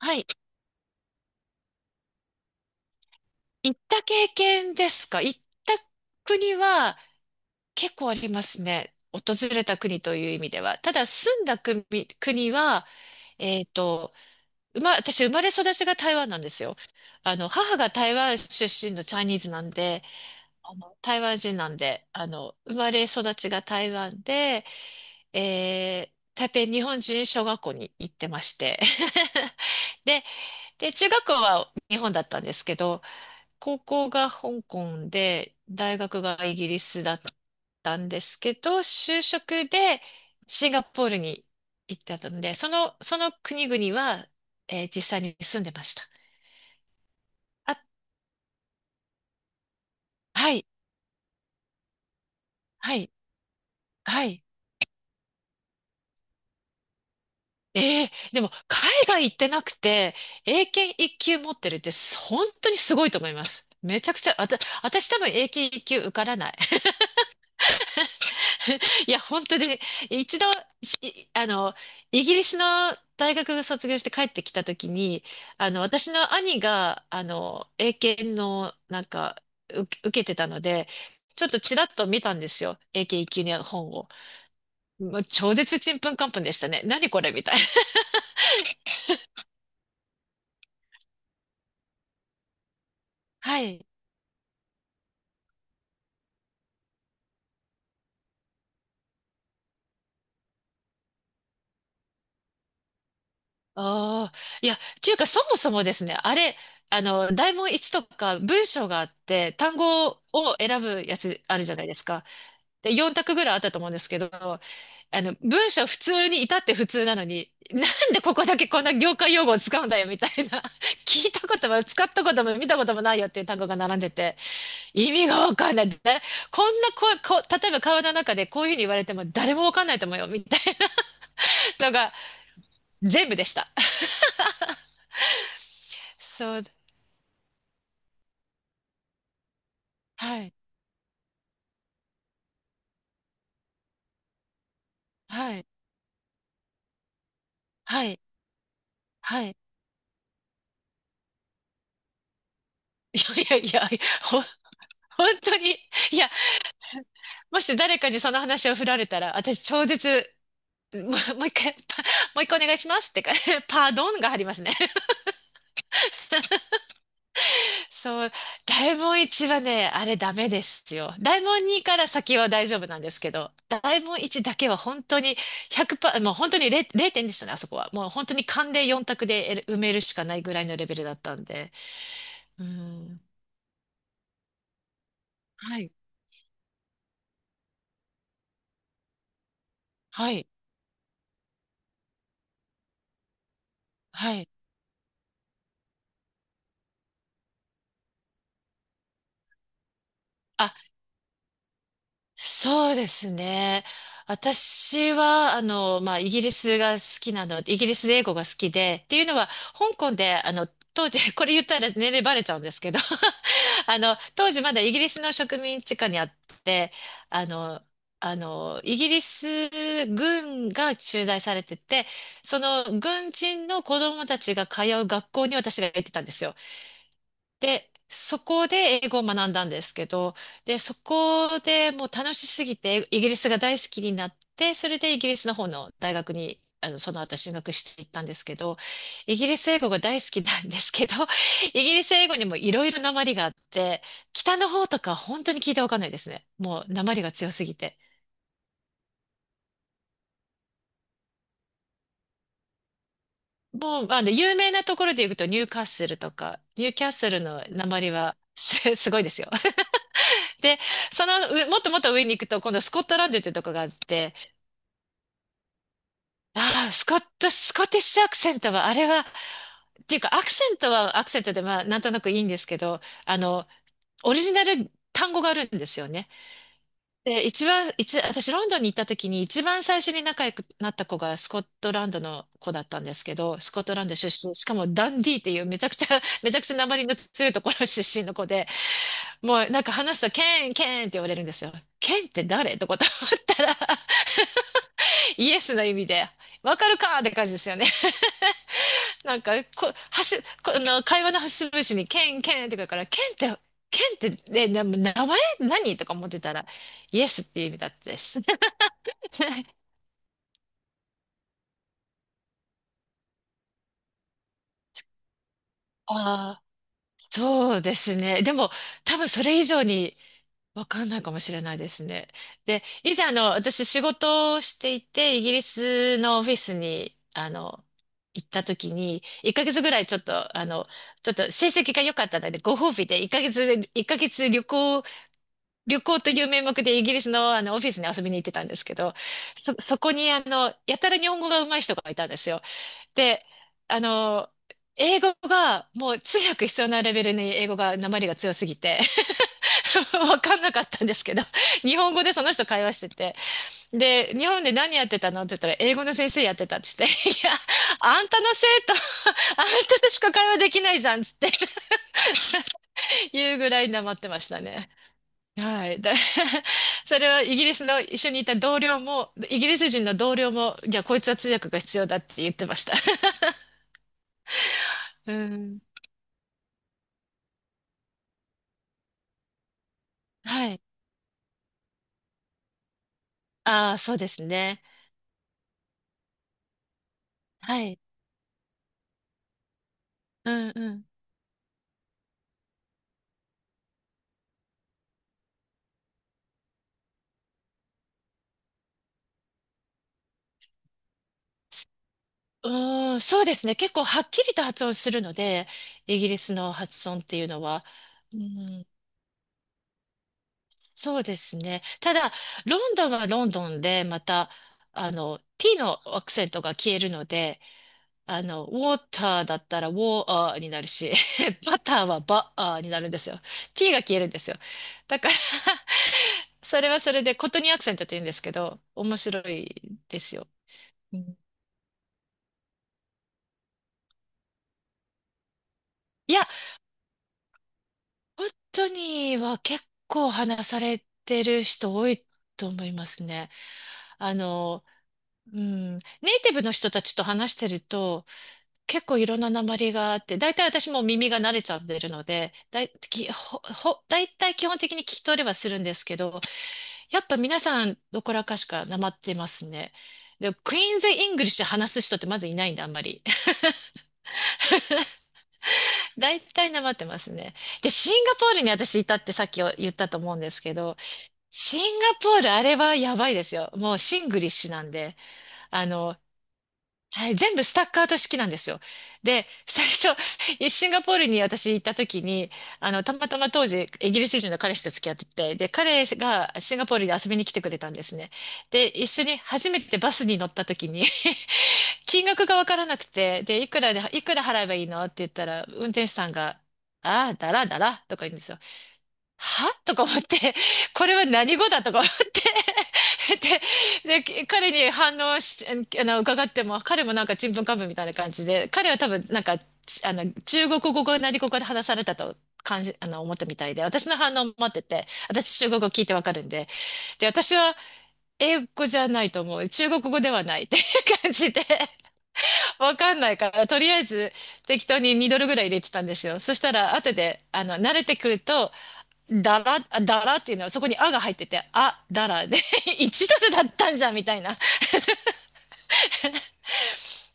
はい。行った経験ですか？行った国は結構ありますね。訪れた国という意味では。ただ住んだ国は、えっと、私生まれ育ちが台湾なんですよ。母が台湾出身のチャイニーズなんで、台湾人なんで、生まれ育ちが台湾で、え台北日本人小学校に行ってまして。で、で、中学校は日本だったんですけど、高校が香港で、大学がイギリスだったんですけど、就職でシンガポールに行ってたので、その国々は、実際に住んでました。あ、はい、はい、はい。ええ、でも海外行ってなくて、英検一級持ってるって本当にすごいと思います。めちゃくちゃ、私多分英検一級受からない。いや、本当で、一度、しあの、イギリスの大学卒業して帰ってきたときに、私の兄が、英検の、受けてたので、ちょっとちらっと見たんですよ。英検一級の本を。もう超絶ちんぷんかんぷんでしたね。何これみたいな。はい。ああ、いや、っていうか、そもそもですね、あれ、大問1とか文章があって、単語を選ぶやつあるじゃないですか。で、4択ぐらいあったと思うんですけど、文章普通に至って普通なのに、なんでここだけこんな業界用語を使うんだよみたいな、聞いたことも使ったことも見たこともないよっていう単語が並んでて、意味がわかんない。だこんなこ、こ、例えば川の中でこういうふうに言われても誰もわかんないと思うよみたいなのが全部でした。そう、はい、はい、はい、はい。いやいやいや、本当に、いや、もし誰かにその話を振られたら、私超絶もう、もう一回、パもう一回お願いしますってか、パードンが入りますね。そう、大門一はね、あれダメですよ。大門二から先は大丈夫なんですけど、大門一だけは本当に100%、もう本当に0点でしたね、あそこは。もう本当に勘で4択で埋めるしかないぐらいのレベルだったんで。うん。はい。はい。はい。あ、そうですね。私は、まあ、イギリスが好きなの、イギリスで英語が好きで、っていうのは、香港で、当時、これ言ったら年齢バレちゃうんですけど、当時まだイギリスの植民地下にあって、あの、イギリス軍が駐在されてて、その軍人の子供たちが通う学校に私が行ってたんですよ。で、そこで英語を学んだんですけど、で、そこでもう楽しすぎて、イギリスが大好きになって、それでイギリスの方の大学に、その後進学していったんですけど、イギリス英語が大好きなんですけど、イギリス英語にもいろいろなまりがあって、北の方とか本当に聞いてわかんないですね。もうなまりが強すぎて。もう、有名なところで言うと、ニューカッスルとか、ニューキャッスルのなまりはすごいですよ。で、その上、もっともっと上に行くと、今度スコットランドってとこがあって、ああ、スコティッシュアクセントは、あれは、っていうか、アクセントはアクセントで、まあ、なんとなくいいんですけど、あの、オリジナル単語があるんですよね。で、一番、一、私、ロンドンに行った時に、一番最初に仲良くなった子がスコットランドの子だったんですけど、スコットランド出身、しかもダンディーっていうめちゃくちゃ、めちゃくちゃ訛りの強いところ出身の子で、もうなんか話すと、ケン、ケンって言われるんですよ。ケンって誰とかと思ったら、イエスの意味で、わかるかって感じですよね。なんか、こ、はし、この、会話の節々に、ケン、ケンってくるから、ケンって、ケンって、ね、名前何とか思ってたら、イエスっていう意味だったです。ああ、そうですね。でも、多分それ以上に、わかんないかもしれないですね。で、以前私仕事をしていて、イギリスのオフィスに、行った時に、1ヶ月ぐらいちょっと、ちょっと成績が良かったので、ご褒美で1ヶ月、一ヶ月旅行、という名目でイギリスのあの、オフィスに遊びに行ってたんですけど、そこにやたら日本語が上手い人がいたんですよ。で、あの、英語がもう通訳必要なレベルに英語が、訛りが強すぎて、わかんなかったんですけど、日本語でその人会話してて、で、日本で何やってたのって言ったら、英語の先生やってたって言って、いや、あんたの生徒、あんたとしか会話できないじゃんっつって 言うぐらい黙ってましたね。はい。それはイギリスの一緒にいた同僚も、イギリス人の同僚も、いや、こいつは通訳が必要だって言ってました。うん。はい。ああ、そうですね。はい。うんうん。うーん、そうですね。結構はっきりと発音するので、イギリスの発音っていうのは。うん、そうですね。ただ、ロンドンはロンドンで、また、t のアクセントが消えるので、ウォーターだったらウォーアーになるし、バターはバアーになるんですよ。t が消えるんですよ。だから それはそれで、コトニーアクセントって言うんですけど、面白いですよ。うん、いや、本当には結構話されてる人多いと思いますね。あの、うん、ネイティブの人たちと話してると結構いろんな訛りがあって、大体私も耳が慣れちゃってるので、だい、き、ほ、ほ、大体基本的に聞き取れはするんですけど、やっぱ皆さんどこらかしかなまってますね。で、クイーンズ・イングリッシュ話す人ってまずいないんで、あんまり。大体なまってますね。で、シンガポールに私いたってさっき言ったと思うんですけど、シンガポール、あれはやばいですよ。もうシングリッシュなんで、あの、はい、全部スタッカート式なんですよ。で、最初、シンガポールに私行った時に、たまたま当時、イギリス人の彼氏と付き合ってて、で、彼がシンガポールに遊びに来てくれたんですね。で、一緒に初めてバスに乗った時に 金額がわからなくて、で、いくら払えばいいのって言ったら、運転手さんが、ああ、だらだらとか言うんですよ。は とか思って、これは何語だとか思って で、彼に反応し、あの、伺っても、彼もなんかちんぷんかんぷんみたいな感じで、彼は多分なんか、中国語か何語かで話されたと感じ、あの、思ったみたいで、私の反応を待ってて、私中国語聞いてわかるんで、で、私は英語じゃないと思う、中国語ではないっていう感じで、わかんないから、とりあえず適当に2ドルぐらい入れてたんですよ。そしたら、後で、慣れてくると、だらっていうのはそこにあが入ってて、あ、だらで一 ドルだったんじゃんみたいな。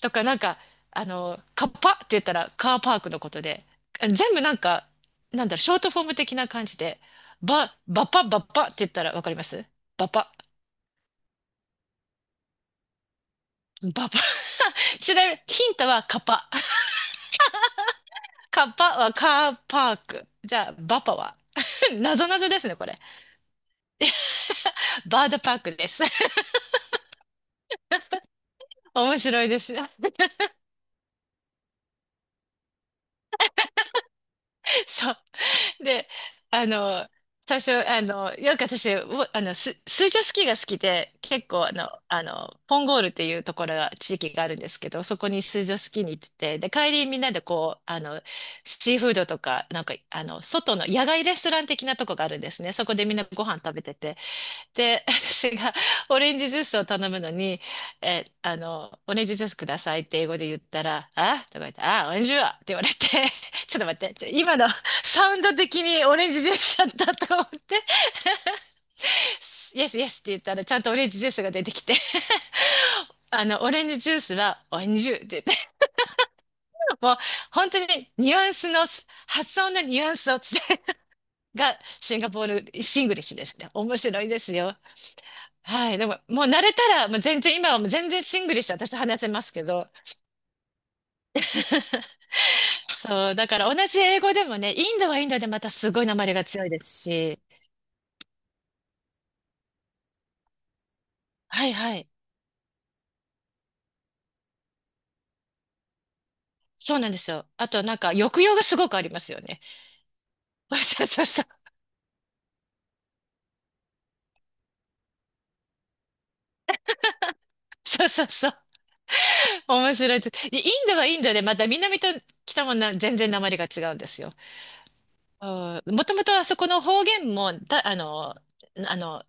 とかなんか、カッパって言ったらカーパークのことで、全部なんか、なんだろ、ショートフォーム的な感じで、ばっぱばっぱって言ったらわかりますばっぱ。ばぱ。ちなみにヒントはカッパ。カッパはカーパーク。じゃあ、バッパは なぞなぞ ですね、これ。バードパークです。面白いです。そう。で、あの、最初、よく私、おあの、水上スキーが好きで、結構、ポンゴールっていうところが、地域があるんですけど、そこに水上スキーに行ってて、で、帰りみんなでこう、シーフードとか、なんか、外の野外レストラン的なとこがあるんですね。そこでみんなご飯食べてて、で、私がオレンジジュースを頼むのに、え、あの、オレンジジュースくださいって英語で言ったら、あとか言って、あ、オレンジジュースって言われて、ちょっと待って、今のサウンド的にオレンジジュースだったと思って、イエスイエスって言ったら、ちゃんとオレンジジュースが出てきて、オレンジジュースはオレンジジュースって言って、もう本当にニュアンスの、発音のニュアンスを伝えがシンガポール、シングリッシュですね。面白いですよ。はい。でも、もう慣れたら、もう全然、今はもう全然シングリッシュ私話せますけど。そう。だから同じ英語でもね、インドはインドでまたすごい訛りが強いですし。はいはい。そうなんですよ。あとなんか抑揚がすごくありますよね。そうそうそう。そうそうそう。面白いです。でインドはインドでまた南と北も全然訛りが違うんですよ。もともとあそこの方言も、だ、あの、あの、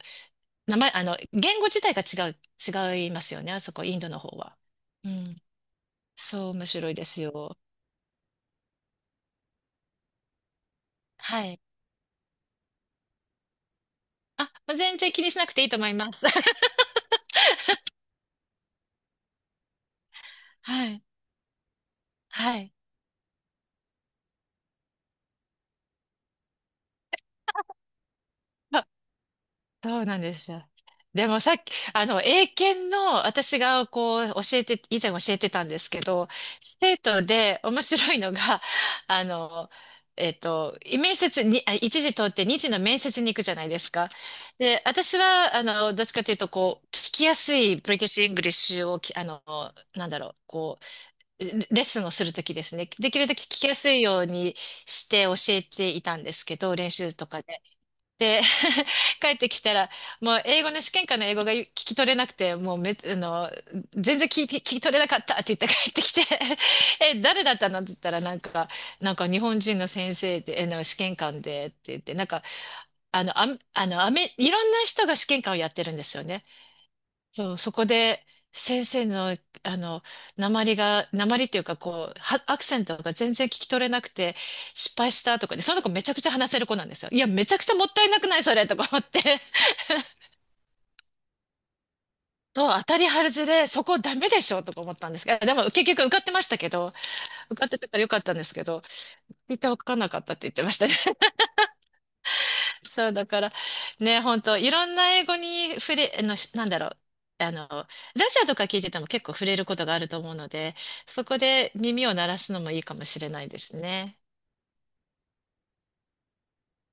言語自体が違いますよね。あそこ、インドの方は。うん、そう、面白いですよ。はい。あ、まあ全然気にしなくていいと思います。はい。はい。あ、そうなんですよ。でもさっき、英検の私がこう教えて、以前教えてたんですけど、生徒で面白いのが、あの、面接に、あ、一時通って二次の面接に行くじゃないですか。で、私は、どっちかというと、こう、聞きやすいブリティッシュ・イングリッシュをき、あの、なんだろう、こう、レッスンをするときですね。できるだけ聞きやすいようにして教えていたんですけど、練習とかで。で、帰ってきたら、もう英語の試験官の英語が聞き取れなくて、もうめ、あの、全然聞いて、聞き取れなかったって言って帰ってきて、え、誰だったのって言ったら、なんか日本人の先生で、えの試験官でって言って、なんか、あの、あ、いろんな人が試験官をやってるんですよね。そう、そこで先生の、あの、鉛っていうか、アクセントが全然聞き取れなくて、失敗したとかで、その子めちゃくちゃ話せる子なんですよ。いや、めちゃくちゃもったいなくないそれとか思って。当たり外れ、そこダメでしょとか思ったんですけど、でも結局受かってましたけど、受かってたからよかったんですけど、絶対受かんなかったって言ってましたね。そう、だから、ね、本当いろんな英語に触れ、あの、しなんだろう。ラジオとか聞いてても結構触れることがあると思うので、そこで耳を鳴らすのもいいかもしれないですね。